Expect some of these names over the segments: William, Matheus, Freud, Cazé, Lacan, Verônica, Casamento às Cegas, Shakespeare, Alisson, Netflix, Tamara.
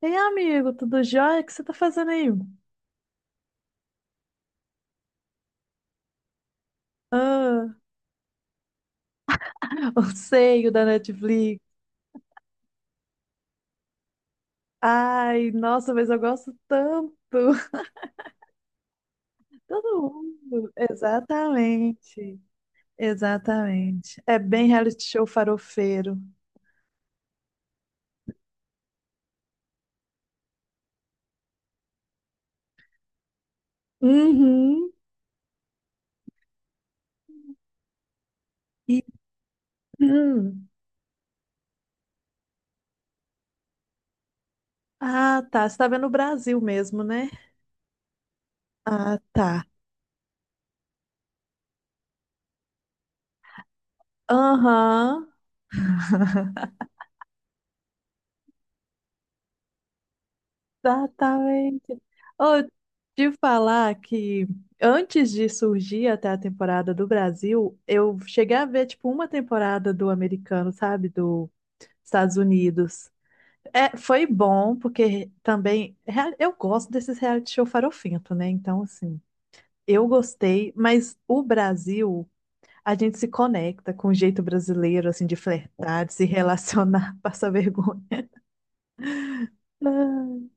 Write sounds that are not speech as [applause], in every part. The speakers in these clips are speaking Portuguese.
Ei, amigo, tudo jóia? O que você tá fazendo aí? Ah, [laughs] o seio da Netflix. Ai, nossa, mas eu gosto tanto. [laughs] Todo mundo. Exatamente. Exatamente. É bem reality show farofeiro. Uhum. E, hum. Ah, tá. Você tá vendo o Brasil mesmo, né? Ah, tá. Aham. Exatamente. Oh, de falar que antes de surgir até a temporada do Brasil, eu cheguei a ver tipo uma temporada do americano, sabe, do Estados Unidos. É, foi bom porque também eu gosto desses reality show farofento, né? Então assim, eu gostei, mas o Brasil. A gente se conecta com o jeito brasileiro, assim, de flertar, de se relacionar, [laughs] passar vergonha. Não.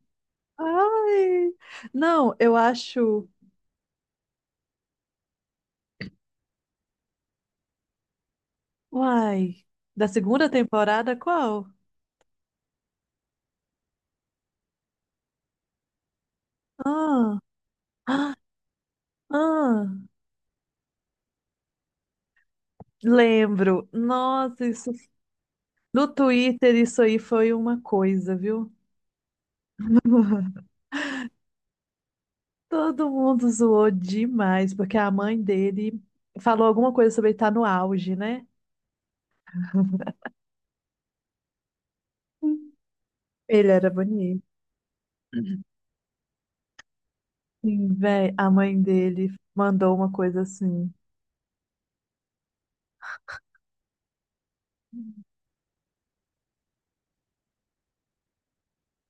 Ai! Não, eu acho. Uai, da segunda temporada qual? Ah, ah, ah, lembro. Nossa, isso no Twitter isso aí foi uma coisa, viu? Todo mundo zoou demais, porque a mãe dele falou alguma coisa sobre ele estar no auge, né? Ele era bonito. Sim, véi, a mãe dele mandou uma coisa assim.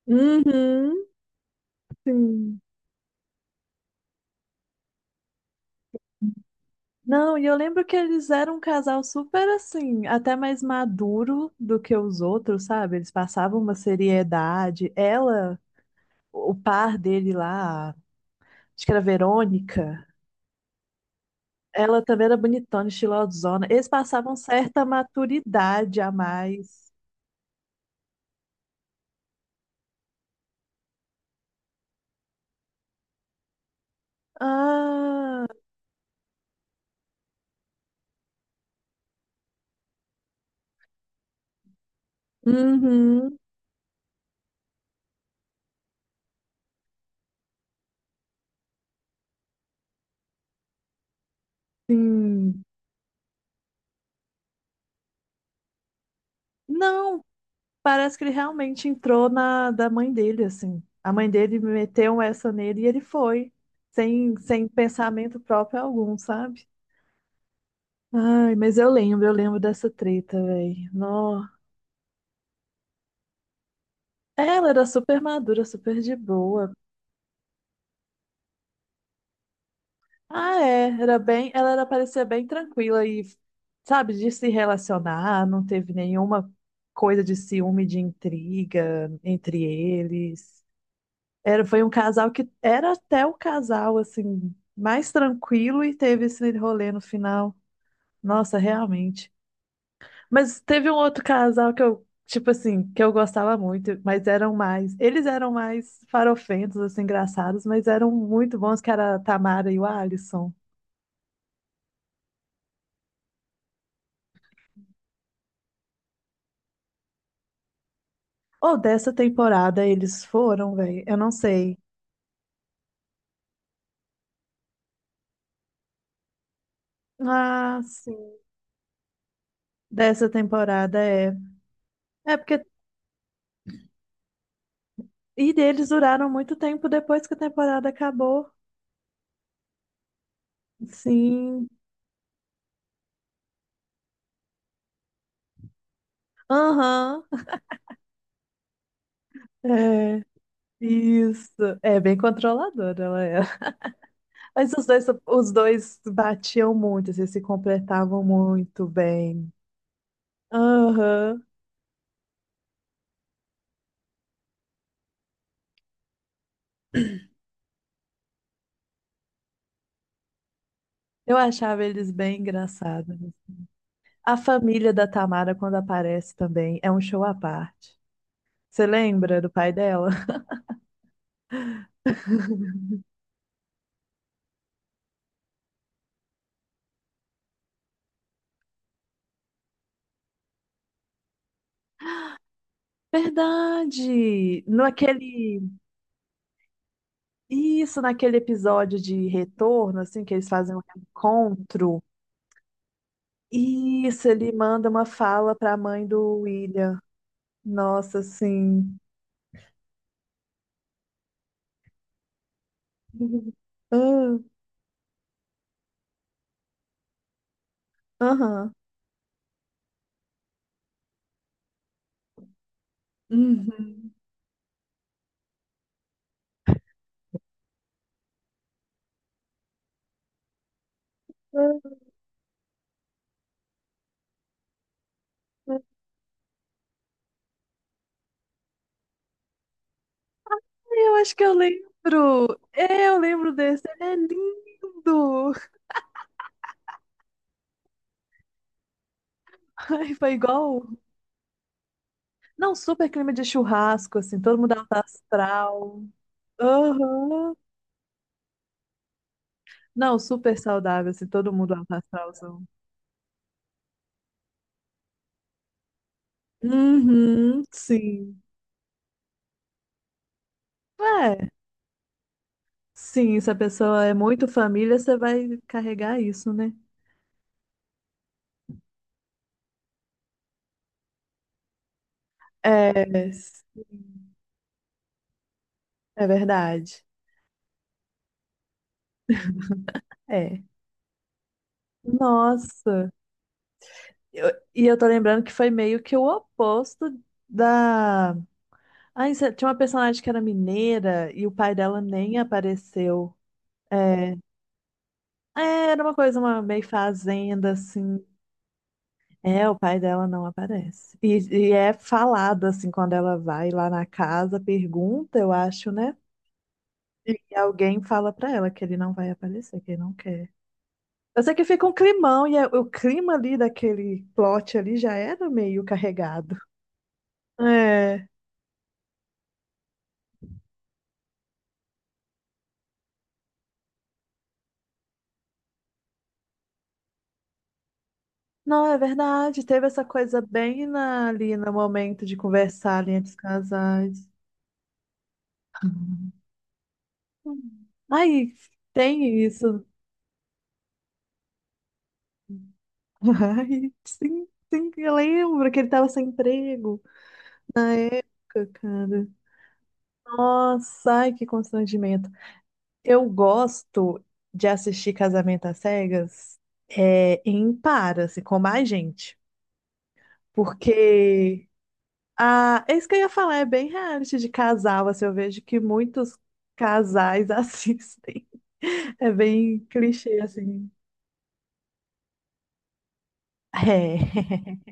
Uhum, sim. Não, e eu lembro que eles eram um casal super assim, até mais maduro do que os outros, sabe? Eles passavam uma seriedade. Ela, o par dele lá, acho que era a Verônica, ela também era bonitona, estilosona. Eles passavam certa maturidade a mais. Ah, uhum, sim. Não, parece que ele realmente entrou na da mãe dele, assim. A mãe dele meteu essa nele e ele foi, sem pensamento próprio algum, sabe? Ai, mas eu lembro dessa treta, velho. Nó. Ela era super madura, super de boa. Ah, é, era bem, ela era, parecia bem tranquila e, sabe, de se relacionar, não teve nenhuma coisa de ciúme, de intriga entre eles. Era, foi um casal que era até o casal, assim, mais tranquilo e teve esse rolê no final. Nossa, realmente. Mas teve um outro casal que eu, tipo assim, que eu gostava muito, mas eram mais. Eles eram mais farofentos, assim, engraçados, mas eram muito bons, que era a Tamara e o Alisson. Ou dessa temporada eles foram, velho? Eu não sei. Ah, sim. Dessa temporada é. É porque. E eles duraram muito tempo depois que a temporada acabou. Sim. Aham, é, isso. É bem controladora ela era. [laughs] Mas os dois batiam muito, assim, se completavam muito bem. Aham, eu achava eles bem engraçados. A família da Tamara, quando aparece também, é um show à parte. Você lembra do pai dela? [laughs] Verdade! No aquele, isso, naquele episódio de retorno, assim, que eles fazem um reencontro. Isso, ele manda uma fala para a mãe do William. Nossa, assim. [laughs] Ah, aham. Uhum. Ah, eu acho que eu lembro. É, eu lembro desse. Ele é lindo. [laughs] Ai, foi igual. Não, super clima de churrasco, assim, todo mundo alto astral. Aham. Não, super saudável, assim, todo mundo alto astralzão. Uhum, sim. É, sim, se a pessoa é muito família, você vai carregar isso, né? É, é verdade. É. Nossa. Eu- e eu tô lembrando que foi meio que o oposto da. Ai, tinha uma personagem que era mineira e o pai dela nem apareceu. É, é, era uma coisa, uma meio fazenda, assim. É, o pai dela não aparece. E é falado, assim, quando ela vai lá na casa, pergunta, eu acho, né? E alguém fala pra ela que ele não vai aparecer, que ele não quer. Eu sei que fica um climão e o clima ali daquele plot ali já era meio carregado. É. Não, é verdade. Teve essa coisa bem ali no momento de conversar ali entre os casais. Uhum. Ai, tem isso. [laughs] Ai, sim, sim, eu lembro que ele tava sem emprego. Cacada. Nossa, ai, que constrangimento. Eu gosto de assistir Casamento às Cegas é, em par, assim, com mais gente. Porque a, é isso que eu ia falar, é bem reality de casal, assim, eu vejo que muitos casais [laughs] assistem. É bem clichê, assim. É. [laughs]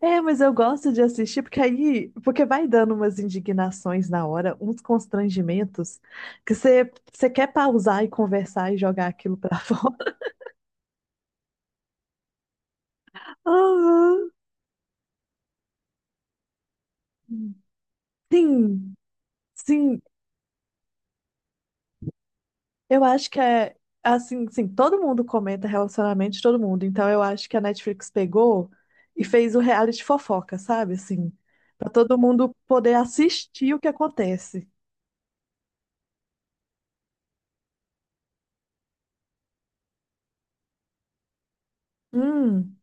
É, mas eu gosto de assistir porque aí, porque vai dando umas indignações na hora, uns constrangimentos que você quer pausar e conversar e jogar aquilo pra [laughs] fora. Aham. Sim, sim, eu acho que é assim, todo mundo comenta relacionamento de todo mundo. Então eu acho que a Netflix pegou e fez o reality fofoca, sabe? Assim, para todo mundo poder assistir o que acontece. Hum.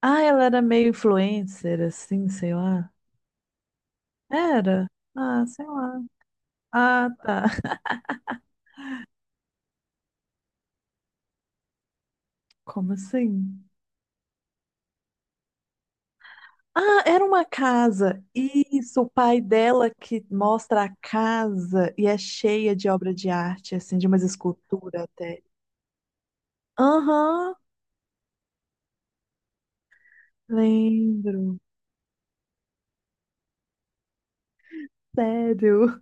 Ah, ela era meio influencer, assim, sei lá. Era? Ah, sei lá. Ah, tá. [laughs] Como assim? Ah, era uma casa. Isso, o pai dela que mostra a casa e é cheia de obra de arte, assim, de umas esculturas até. Aham, lembro. Sério,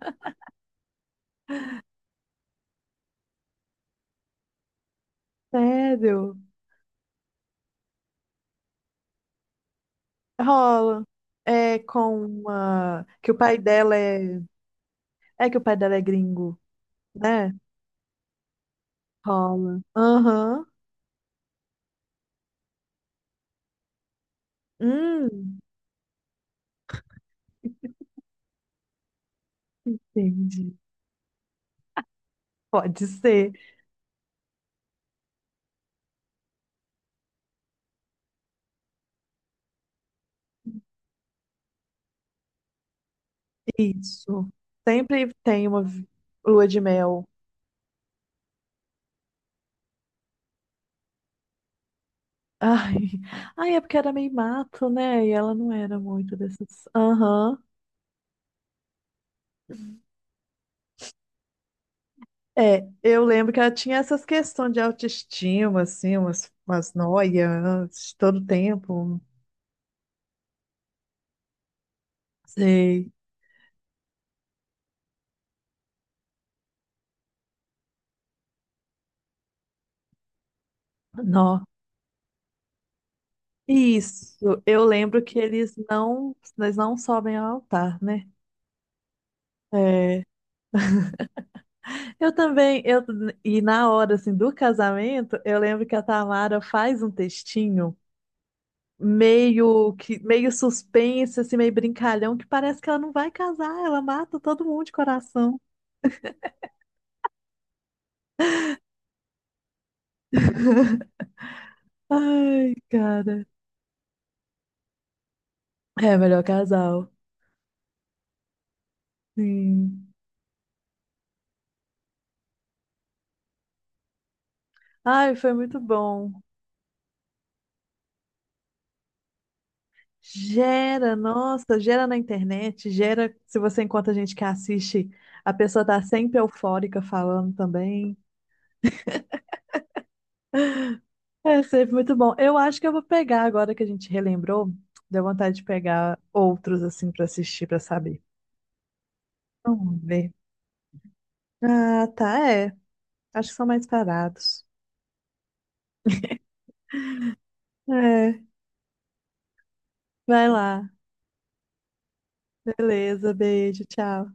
sério. Rola. É com uma. Que o pai dela é. É que o pai dela é gringo, né? Rola. Aham. Hum, entendi. Pode ser. Isso. Sempre tem uma lua de mel. Ai. Ai, é porque era meio mato, né? E ela não era muito dessas. Aham. É, eu lembro que ela tinha essas questões de autoestima, assim, umas noias todo tempo. Sei. Nó. Isso, eu lembro que eles não sobem ao altar, né? É. Eu também, e na hora assim, do casamento, eu lembro que a Tamara faz um textinho meio que meio suspense, assim, meio brincalhão, que parece que ela não vai casar, ela mata todo mundo de coração. [laughs] Ai, cara. É, melhor casal. Sim. Ai, foi muito bom. Gera, nossa, gera na internet, gera se você encontra gente que assiste, a pessoa tá sempre eufórica falando também. É sempre muito bom. Eu acho que eu vou pegar agora que a gente relembrou, deu vontade de pegar outros assim pra assistir, pra saber. Vamos ver. Ah, tá, é. Acho que são mais parados. É, vai lá. Beleza, beijo, tchau.